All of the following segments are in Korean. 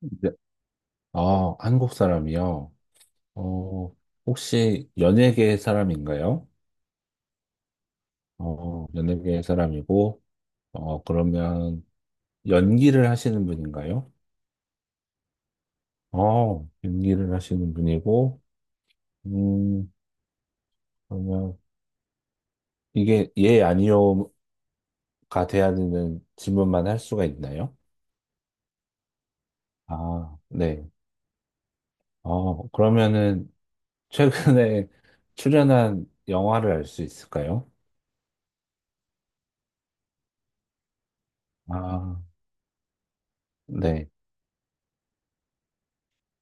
네. 아, 한국 사람이요? 어, 혹시 연예계 사람인가요? 어, 연예계 사람이고, 그러면 연기를 하시는 분인가요? 어, 연기를 하시는 분이고, 음, 그러면 이게 예, 아니요가 돼야 되는 질문만 할 수가 있나요? 아, 네. 그러면은 최근에 출연한 영화를 알 수 있을까요? 아, 네.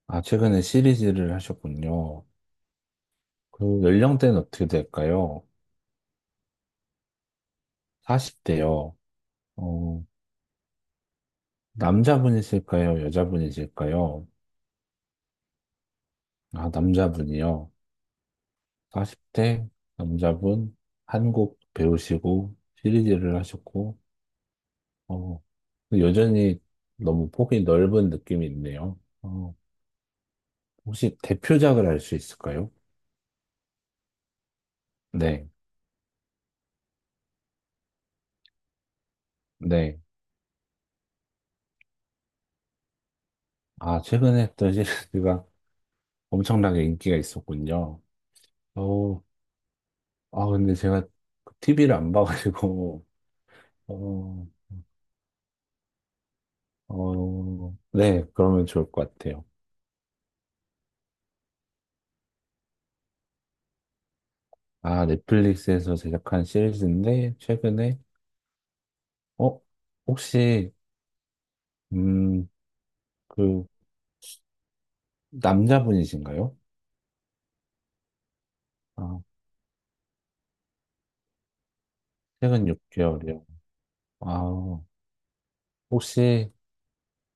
아, 최근에 시리즈를 하셨군요. 그 연령대는 어떻게 될까요? 40대요. 어, 남자분이실까요? 여자분이실까요? 아, 남자분이요. 40대 남자분 한국 배우시고 시리즈를 하셨고, 어, 여전히 너무 폭이 넓은 느낌이 있네요. 혹시 대표작을 알 수 있을까요? 네, 네. 아, 최근에 했던 시리즈가 엄청나게 인기가 있었군요. 어, 아, 근데 제가 TV를 안 봐가지고, 어, 어, 네, 그러면 좋을 것 같아요. 아, 넷플릭스에서 제작한 시리즈인데, 최근에, 어, 혹시, 음, 그, 남자분이신가요? 아, 최근 6개월이요. 아, 혹시,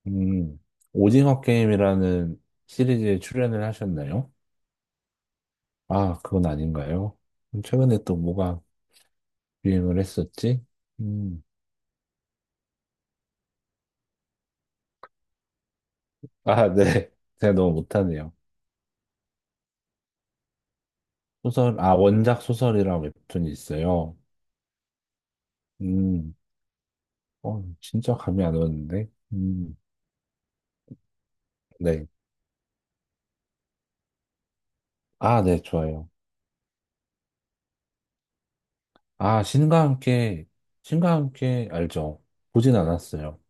음, 오징어 게임이라는 시리즈에 출연을 하셨나요? 아, 그건 아닌가요? 최근에 또 뭐가 유행을 했었지? 음, 아, 네. 제가 너무 못하네요. 소설, 아, 원작 소설이랑 웹툰이 있어요. 음, 어, 진짜 감이 안 오는데? 네. 아, 네, 좋아요. 아, 신과 함께, 신과 함께 알죠. 보진 않았어요.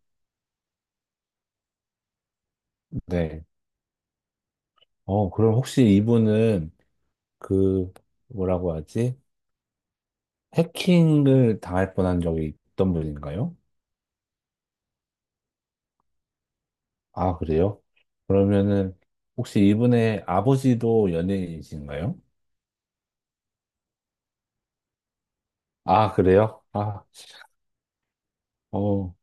네. 어, 그럼 혹시 이분은 그, 뭐라고 하지? 해킹을 당할 뻔한 적이 있던 분인가요? 아, 그래요? 그러면은, 혹시 이분의 아버지도 연예인이신가요? 아, 그래요? 아, 어,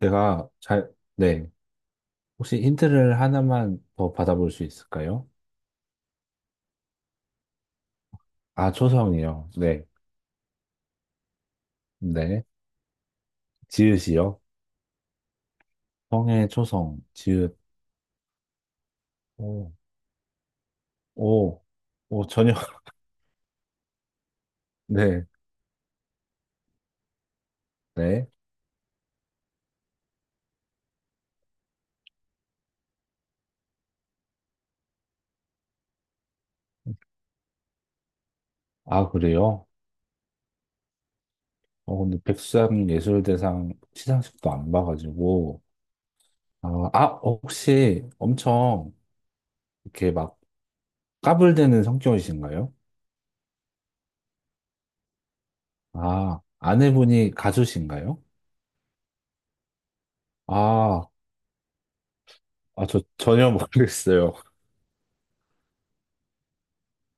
제가 잘, 네. 혹시 힌트를 하나만 더 받아볼 수 있을까요? 아, 초성이요. 네. 네. 지읒이요. 성의 초성, 지읒. 오, 오, 오, 전혀. 네. 네. 아, 그래요? 어, 근데 백수장 예술대상 시상식도 안 봐가지고. 아, 아, 혹시 엄청 이렇게 막 까불대는 성격이신가요? 아, 아내분이 가수신가요? 아, 아, 저 전혀 모르겠어요.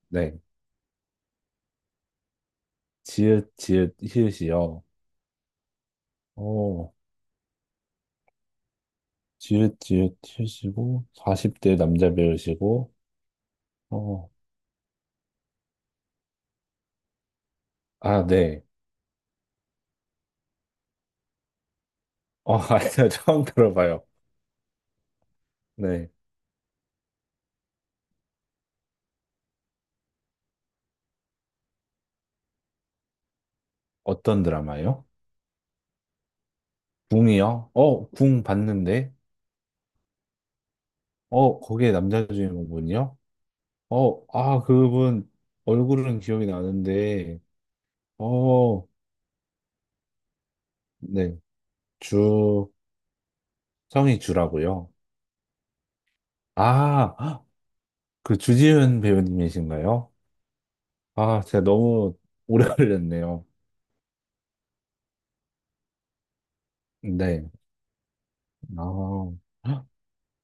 네. 지읒, 지읒, 히읗이요. 어, 지읒지읒 하시고 40대 남자 배우시고 어, 아, 네. 어, 아니요. 처음 들어봐요. 네. 어떤 드라마요? 궁이요? 어, 궁 봤는데. 어, 거기에 남자 주인공분이요? 어, 아, 그분 얼굴은 기억이 나는데. 어, 네. 주 성이 주라고요. 아, 헉, 그 주지훈 배우님이신가요? 아, 제가 너무 오래 걸렸네요. 네. 아.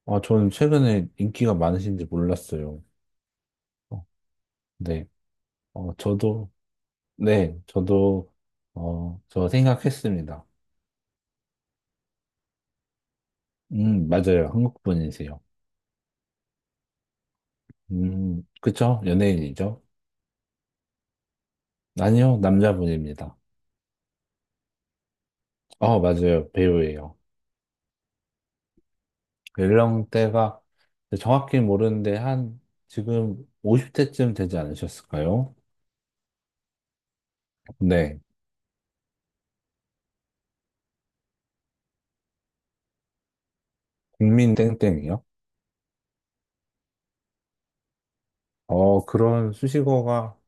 아, 저는 최근에 인기가 많으신지 몰랐어요. 어, 네. 어, 저도, 네, 저도, 어, 저 생각했습니다. 맞아요. 한국분이세요. 그쵸? 연예인이죠? 아니요, 남자분입니다. 어, 맞아요. 배우예요. 연령대가 정확히 모르는데 한, 지금 50대쯤 되지 않으셨을까요? 네. 국민 땡땡이요? 어, 그런 수식어가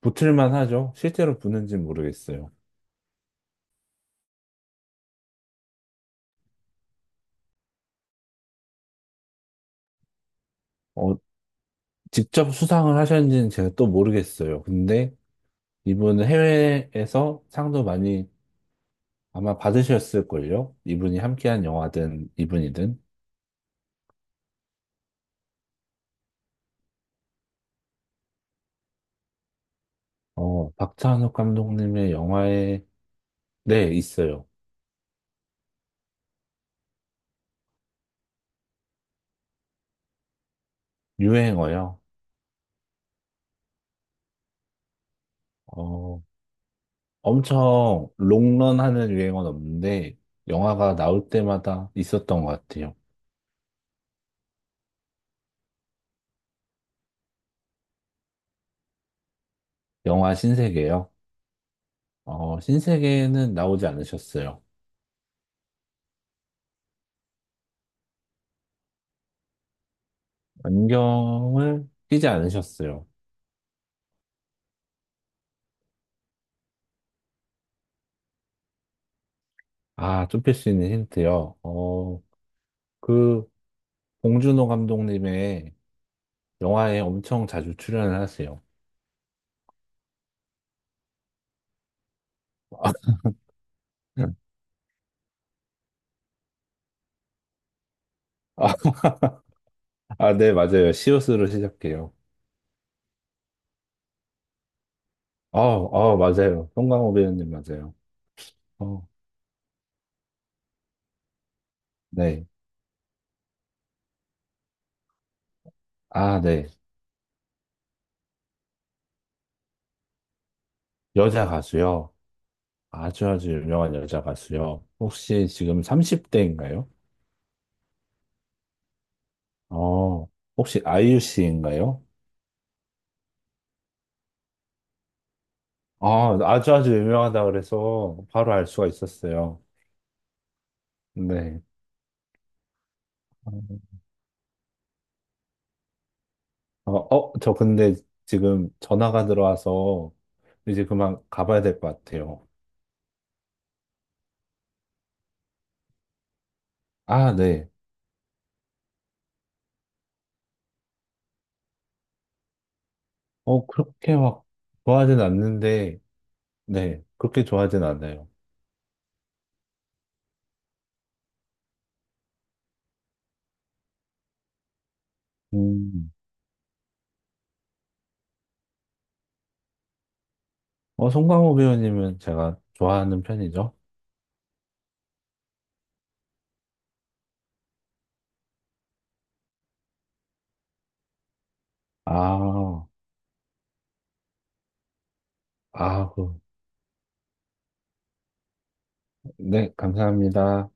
붙을만 하죠. 실제로 붙는지 모르겠어요. 어, 직접 수상을 하셨는지는 제가 또 모르겠어요. 근데 이분은 해외에서 상도 많이 아마 받으셨을걸요? 이분이 함께한 영화든 이분이든. 어, 박찬욱 감독님의 영화에, 네, 있어요. 유행어요. 어, 엄청 롱런하는 유행어는 없는데, 영화가 나올 때마다 있었던 것 같아요. 영화 신세계요. 어, 신세계는 나오지 않으셨어요. 안경을 끼지 않으셨어요. 아, 좁힐 수 있는 힌트요. 어, 그, 봉준호 감독님의 영화에 엄청 자주 출연을 하세요. 아, 아, 아, 네, 맞아요. 시옷으로 시작해요. 어, 어, 맞아요. 송강호 배우님 맞아요. 어, 네. 아, 네. 여자 가수요. 아주 아주 유명한 여자 가수요. 혹시 지금 30대인가요? 어, 혹시 아이유 씨인가요? 아, 아주 아주 유명하다 그래서 바로 알 수가 있었어요. 네. 어, 어, 저 근데 지금 전화가 들어와서 이제 그만 가봐야 될 것 같아요. 아, 네. 어, 그렇게 막 좋아하진 않는데, 네. 그렇게 좋아하진 않아요. 음. 어, 송강호 배우님은 제가 좋아하는 편이죠. 아, 아, 그, 네. 감사합니다.